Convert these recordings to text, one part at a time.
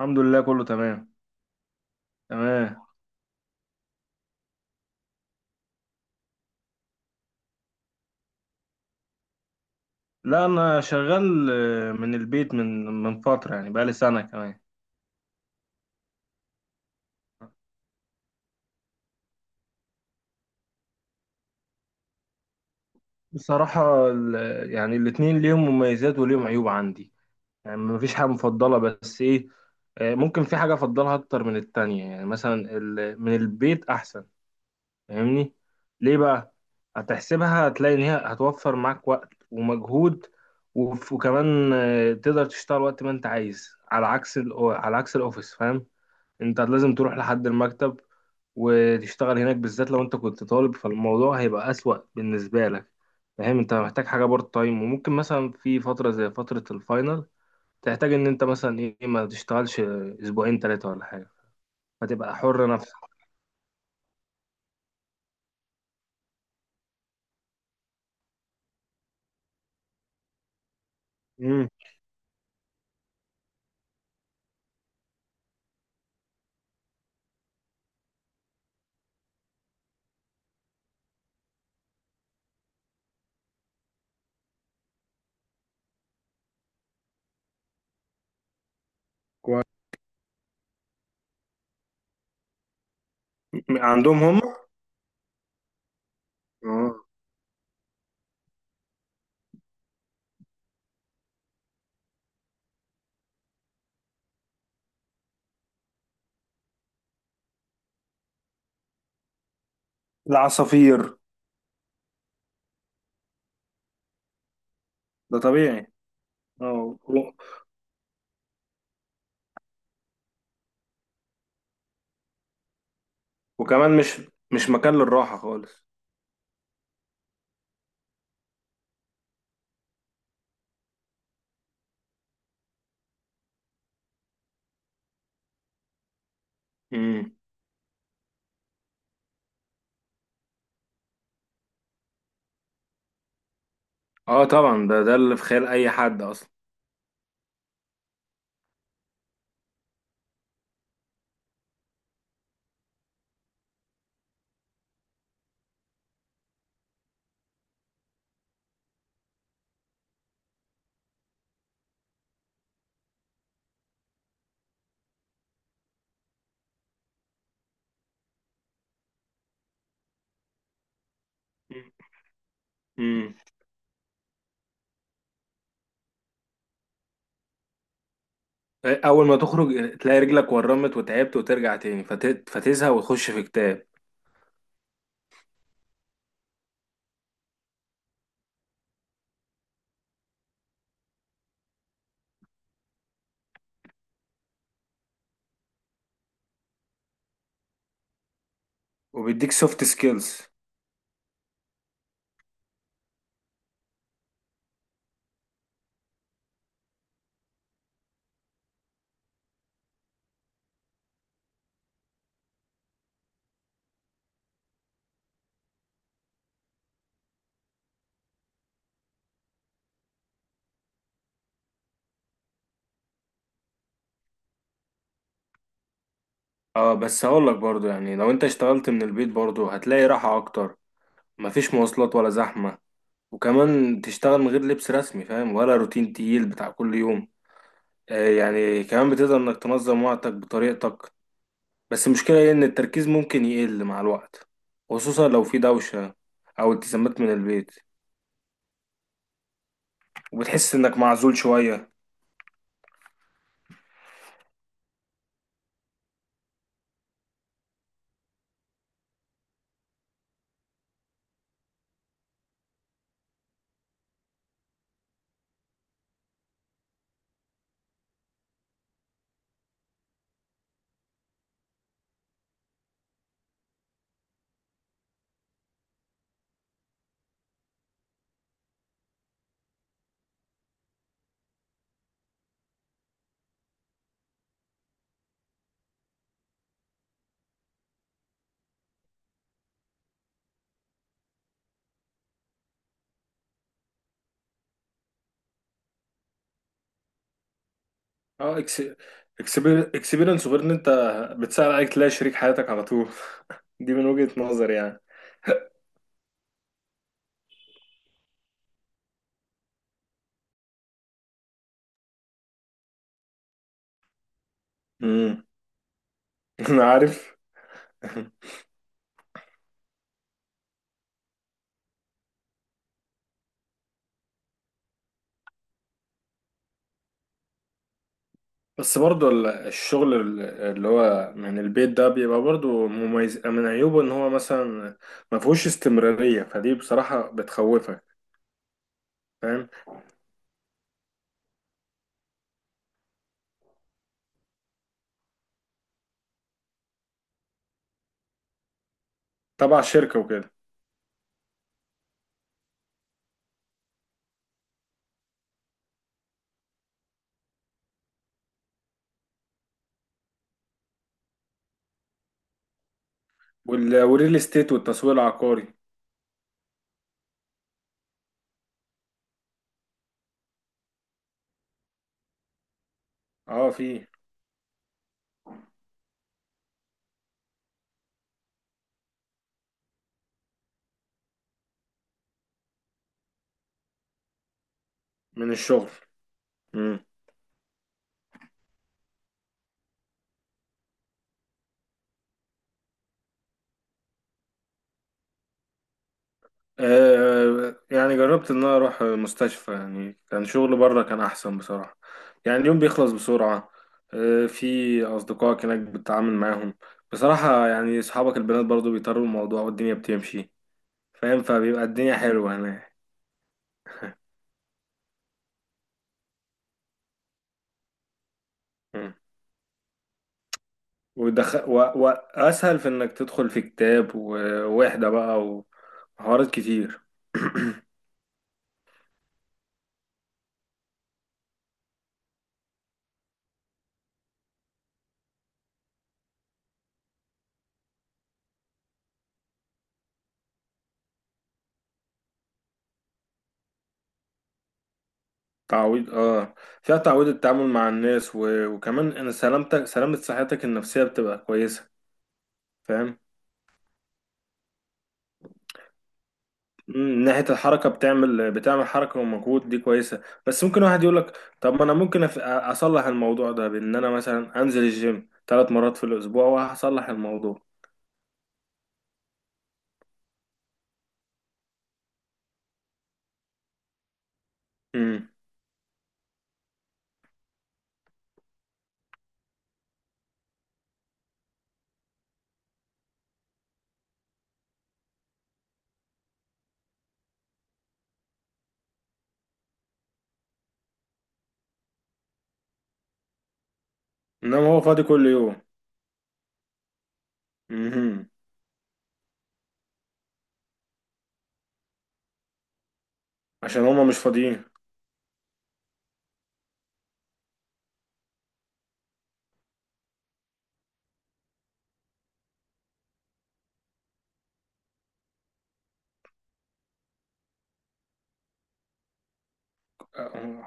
الحمد لله، كله تمام. تمام. لا، انا شغال، من البيت، من فتره، يعني بقالي سنه كمان. بصراحه، يعني الاتنين ليهم مميزات وليهم عيوب عندي. يعني مفيش حاجه مفضله، بس ايه، ممكن في حاجه افضلها اكتر من التانية، يعني مثلا من البيت احسن. فاهمني؟ ليه بقى؟ هتحسبها هتلاقي ان هي هتوفر معاك وقت ومجهود، وكمان تقدر تشتغل وقت ما انت عايز، على عكس على عكس الاوفيس. فاهم؟ انت لازم تروح لحد المكتب وتشتغل هناك، بالذات لو انت كنت طالب فالموضوع هيبقى أسوأ بالنسبة لك. فاهم؟ انت محتاج حاجة بارت تايم، وممكن مثلا في فترة زي فترة الفاينل تحتاج ان انت مثلا ايه ما تشتغلش اسبوعين ثلاثة ولا حاجة، فتبقى حر نفسك. امم. كويس. عندهم هم؟ اه. العصافير. ده طبيعي. اه وكمان مش مكان للراحة خالص. امم. اه طبعا، ده اللي في خيال اي حد اصلا. امم. اول ما تخرج تلاقي رجلك ورمت وتعبت، وترجع تاني فتزهق وتخش في كتاب. وبيديك سوفت سكيلز. اه بس هقول لك برضو، يعني لو انت اشتغلت من البيت برضو هتلاقي راحة اكتر. مفيش مواصلات ولا زحمة، وكمان تشتغل من غير لبس رسمي، فاهم؟ ولا روتين تقيل بتاع كل يوم. آه، يعني كمان بتقدر انك تنظم وقتك بطريقتك. بس المشكلة هي ان التركيز ممكن يقل مع الوقت، خصوصا لو في دوشة او التزامات من البيت، وبتحس انك معزول شوية. اه اكس، اكسبيرينس، غير ان انت بتسهل عليك تلاقي شريك حياتك على طول. دي من وجهة نظري يعني. امم. انا عارف. بس برضو الشغل اللي هو من البيت ده بيبقى برضو مميز. من عيوبه ان هو مثلا ما فيهوش استمرارية، فدي بصراحة بتخوفك. فاهم؟ تبع شركة وكده. والريل استيت والتسويق العقاري. اه في. من الشغل. آه، يعني جربت ان انا اروح مستشفى، يعني كان شغل بره كان احسن بصراحة. يعني اليوم بيخلص بسرعة، آه، في اصدقائك هناك بتتعامل معاهم. بصراحة يعني اصحابك البنات برضو بيطروا الموضوع، والدنيا بتمشي، فاهم؟ فبيبقى الدنيا حلوة هناك. مم. ودخ... و... واسهل في انك تدخل في كتاب ووحدة بقى وحوارات كتير. تعويض اه. فيها تعويض التعامل مع الناس، وكمان ان سلامتك سلامة صحتك النفسية بتبقى كويسة. فاهم؟ مم، من ناحية الحركة، بتعمل حركة ومجهود، دي كويسة. بس ممكن واحد يقول لك: طب ما أنا ممكن أصلح الموضوع ده بإن أنا مثلا أنزل الجيم 3 مرات في الأسبوع، وهصلح الموضوع. مم. إنما هو فاضي كل يوم. مهم. عشان هما مش فاضيين.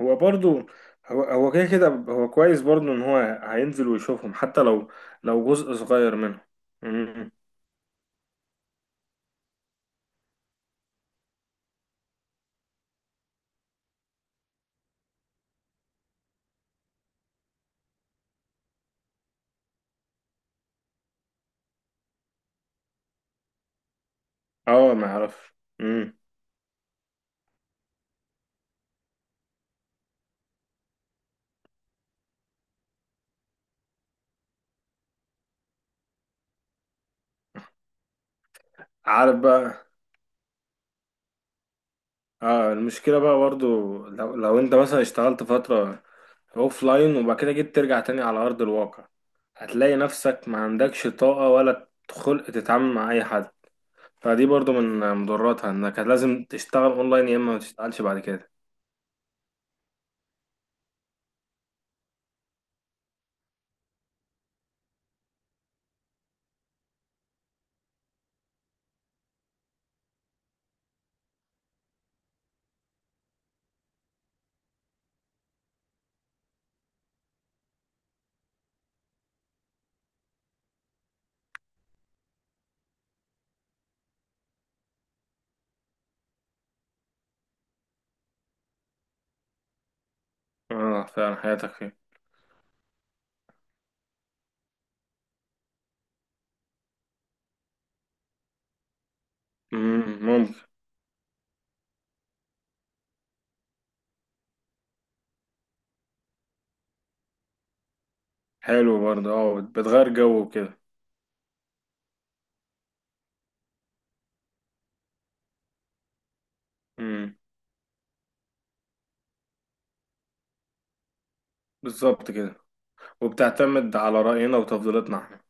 هو برضو. هو هو كده كده، هو كويس برضو إن هو هينزل ويشوفهم حتى لو جزء صغير منهم. مم. اه ما يعرف. مم. عارف بقى. اه، المشكلة بقى برضو، لو انت مثلا اشتغلت فترة اوف لاين وبعد كده جيت ترجع تاني على ارض الواقع، هتلاقي نفسك ما عندكش طاقة ولا خلق تتعامل مع اي حد. فدي برضو من مضراتها، انك لازم تشتغل اونلاين، يا اما ما تشتغلش بعد كده. اه فعلا، حياتك فيه. مم، ممكن. حلو برضو، اه، بتغير جو وكده. مم، بالظبط كده. وبتعتمد على رأينا وتفضيلاتنا احنا.